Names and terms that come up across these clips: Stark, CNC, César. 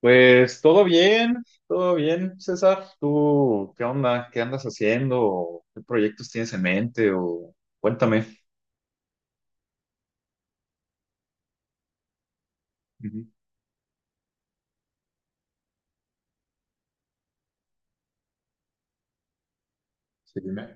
Pues todo bien, César. ¿Tú qué onda? ¿Qué andas haciendo? ¿Qué proyectos tienes en mente? O cuéntame. Ujú. Sí, dime.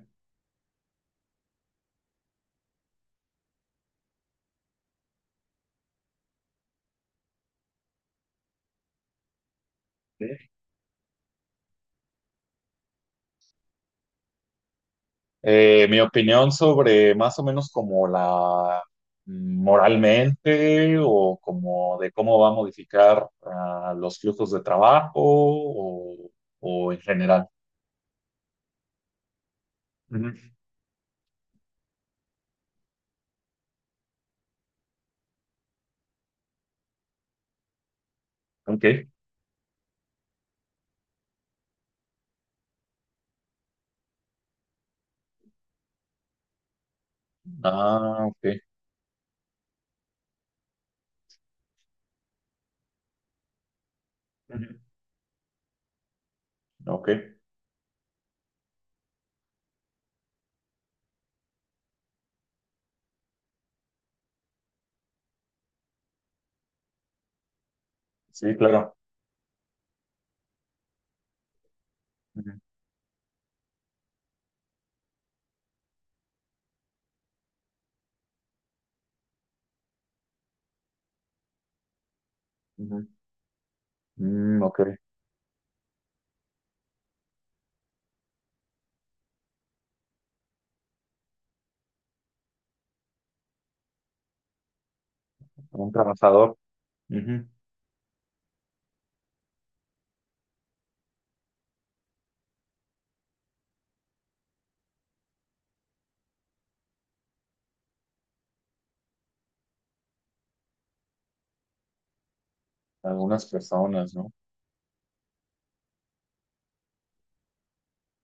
Mi opinión sobre más o menos como la moralmente o como de cómo va a modificar los flujos de trabajo o en general. Ujú. Ok. Ah, ok. Ujú. Ok. Sí, claro. Ujú. Ujú. Mm, ok. Un trabajador. Ujú. Algunas personas, ¿no?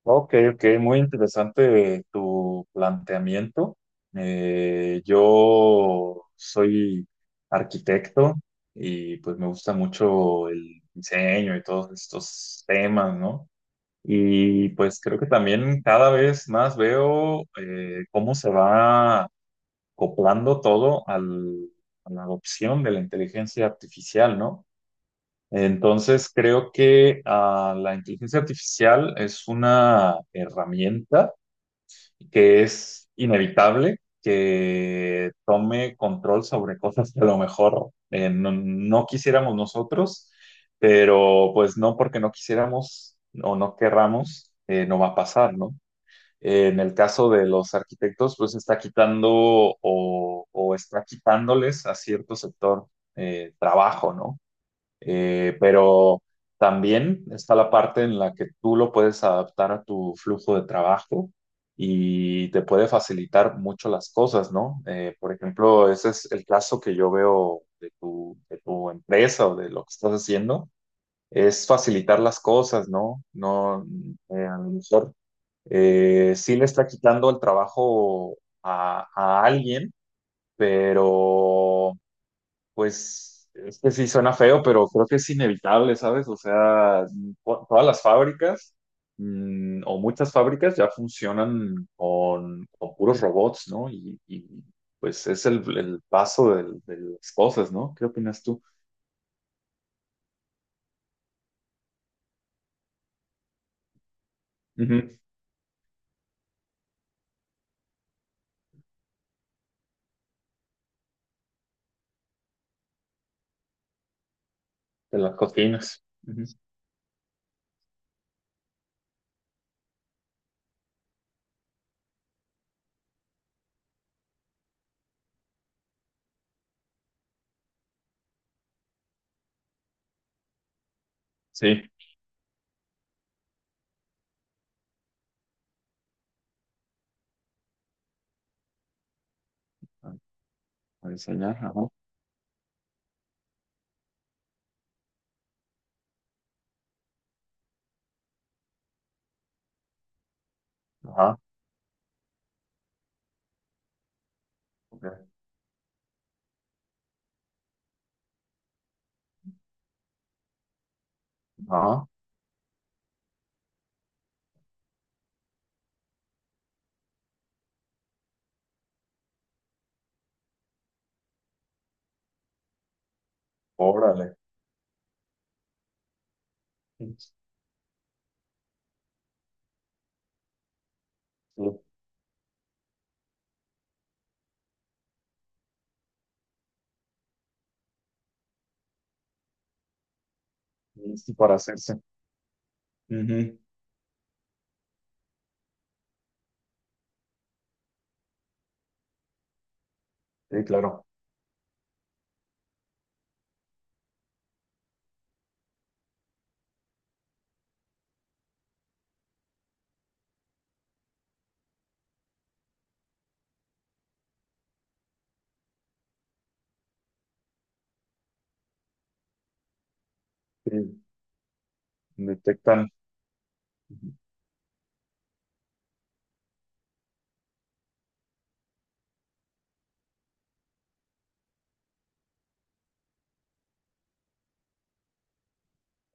Ok, ok, muy interesante tu planteamiento. Yo soy arquitecto y pues me gusta mucho el diseño y todos estos temas, ¿no? Y pues creo que también cada vez más veo cómo se va acoplando todo a la adopción de la inteligencia artificial, ¿no? Entonces, creo que la inteligencia artificial es una herramienta que es inevitable que tome control sobre cosas que a lo mejor no quisiéramos nosotros, pero pues no porque no quisiéramos o no querramos, no va a pasar, ¿no? En el caso de los arquitectos, pues está quitando o está quitándoles a cierto sector trabajo, ¿no? Pero también está la parte en la que tú lo puedes adaptar a tu flujo de trabajo y te puede facilitar mucho las cosas, ¿no? Por ejemplo, ese es el caso que yo veo de de tu empresa o de lo que estás haciendo, es facilitar las cosas, ¿no? No, a lo mejor sí le está quitando el trabajo a alguien, pero pues es que sí suena feo, pero creo que es inevitable, ¿sabes? O sea, todas las fábricas o muchas fábricas ya funcionan con puros robots, ¿no? Pues es el paso del de las cosas, ¿no? ¿Qué opinas tú? Ujú. De las cocinas. Ujú. Sí. A a diseñar, ajá. Ajá. Ok. Ajá. Órale. Sí, sí, para hacerse. Ujú. Sí, claro. Sí. Detectan. Ujú.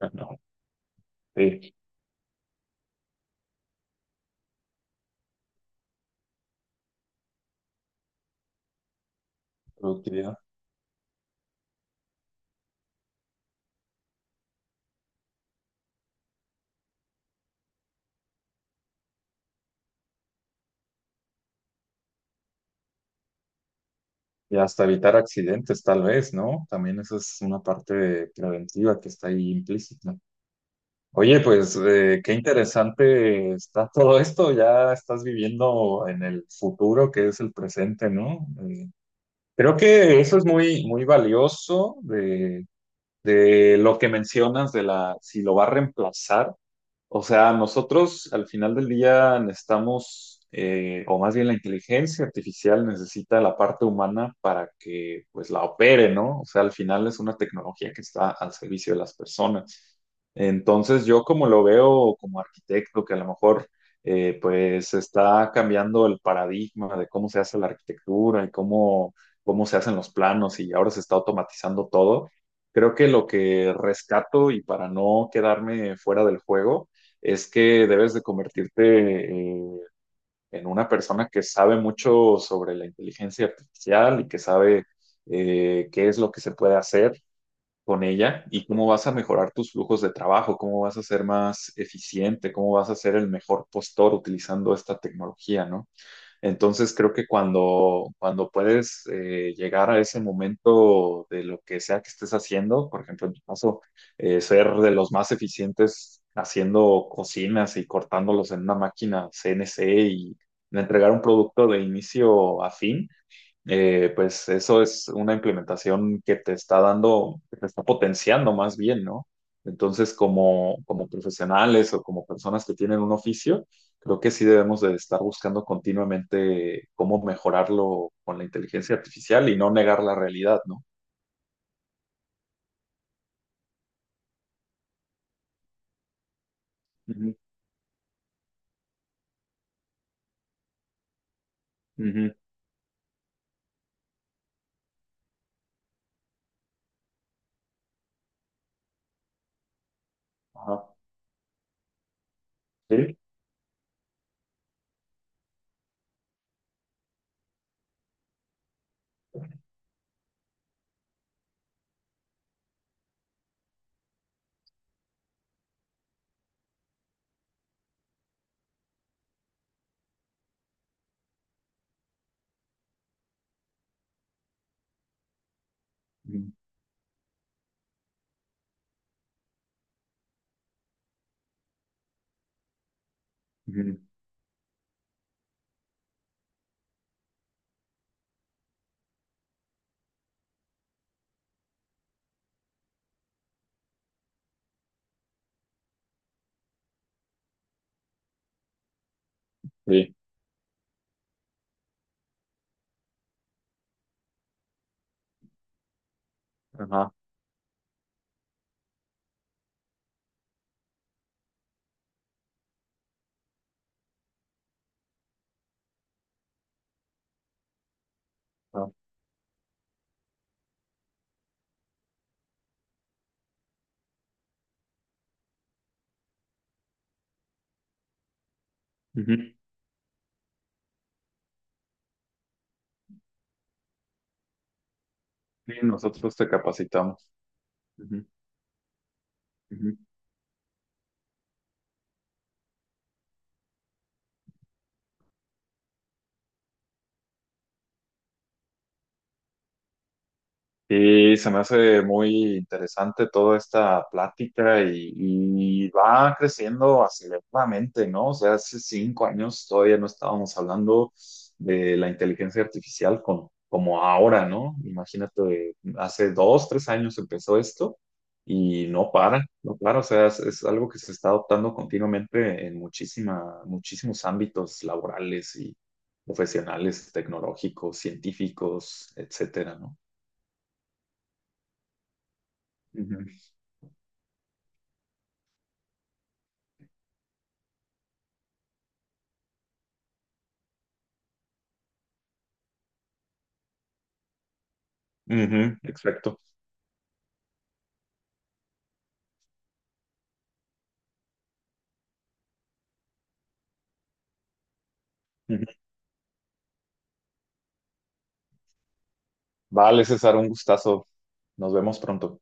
Ajá. Sí. Productividad. Y hasta evitar accidentes, tal vez, ¿no? También eso es una parte preventiva que está ahí implícita. Oye, pues qué interesante está todo esto. Ya estás viviendo en el futuro, que es el presente, ¿no? Creo que eso es muy, muy valioso de lo que mencionas de la, si lo va a reemplazar. O sea, nosotros al final del día necesitamos, o más bien la inteligencia artificial necesita la parte humana para que pues la opere, ¿no? O sea, al final es una tecnología que está al servicio de las personas. Entonces, yo como lo veo como arquitecto, que a lo mejor pues está cambiando el paradigma de cómo se hace la arquitectura y cómo, cómo se hacen los planos y ahora se está automatizando todo. Creo que lo que rescato y para no quedarme fuera del juego, es que debes de convertirte en una persona que sabe mucho sobre la inteligencia artificial y que sabe qué es lo que se puede hacer con ella y cómo vas a mejorar tus flujos de trabajo, cómo vas a ser más eficiente, cómo vas a ser el mejor postor utilizando esta tecnología, ¿no? Entonces creo que cuando puedes llegar a ese momento de lo que sea que estés haciendo, por ejemplo, en tu caso, ser de los más eficientes haciendo cocinas y cortándolos en una máquina CNC y entregar un producto de inicio a fin, pues eso es una implementación que te está dando, que te está potenciando más bien, ¿no? Entonces, como, como profesionales o como personas que tienen un oficio, creo que sí debemos de estar buscando continuamente cómo mejorarlo con la inteligencia artificial y no negar la realidad, ¿no? Ujú, ujú, ajá, sí, ujú, ujú, sí, ajá, ajá, ujú, sí, nosotros te capacitamos. Ujú, ujú. Sí, se me hace muy interesante toda esta plática y va creciendo aceleradamente, ¿no? O sea, hace 5 años todavía no estábamos hablando de la inteligencia artificial como ahora, ¿no? Imagínate, hace 2, 3 años empezó esto y no para, no para, o sea, es algo que se está adoptando continuamente en muchísima, muchísimos ámbitos laborales y profesionales, tecnológicos, científicos, etc., ¿no? Ujú, exacto. Ujú. Vale, César, un gustazo. Nos vemos pronto.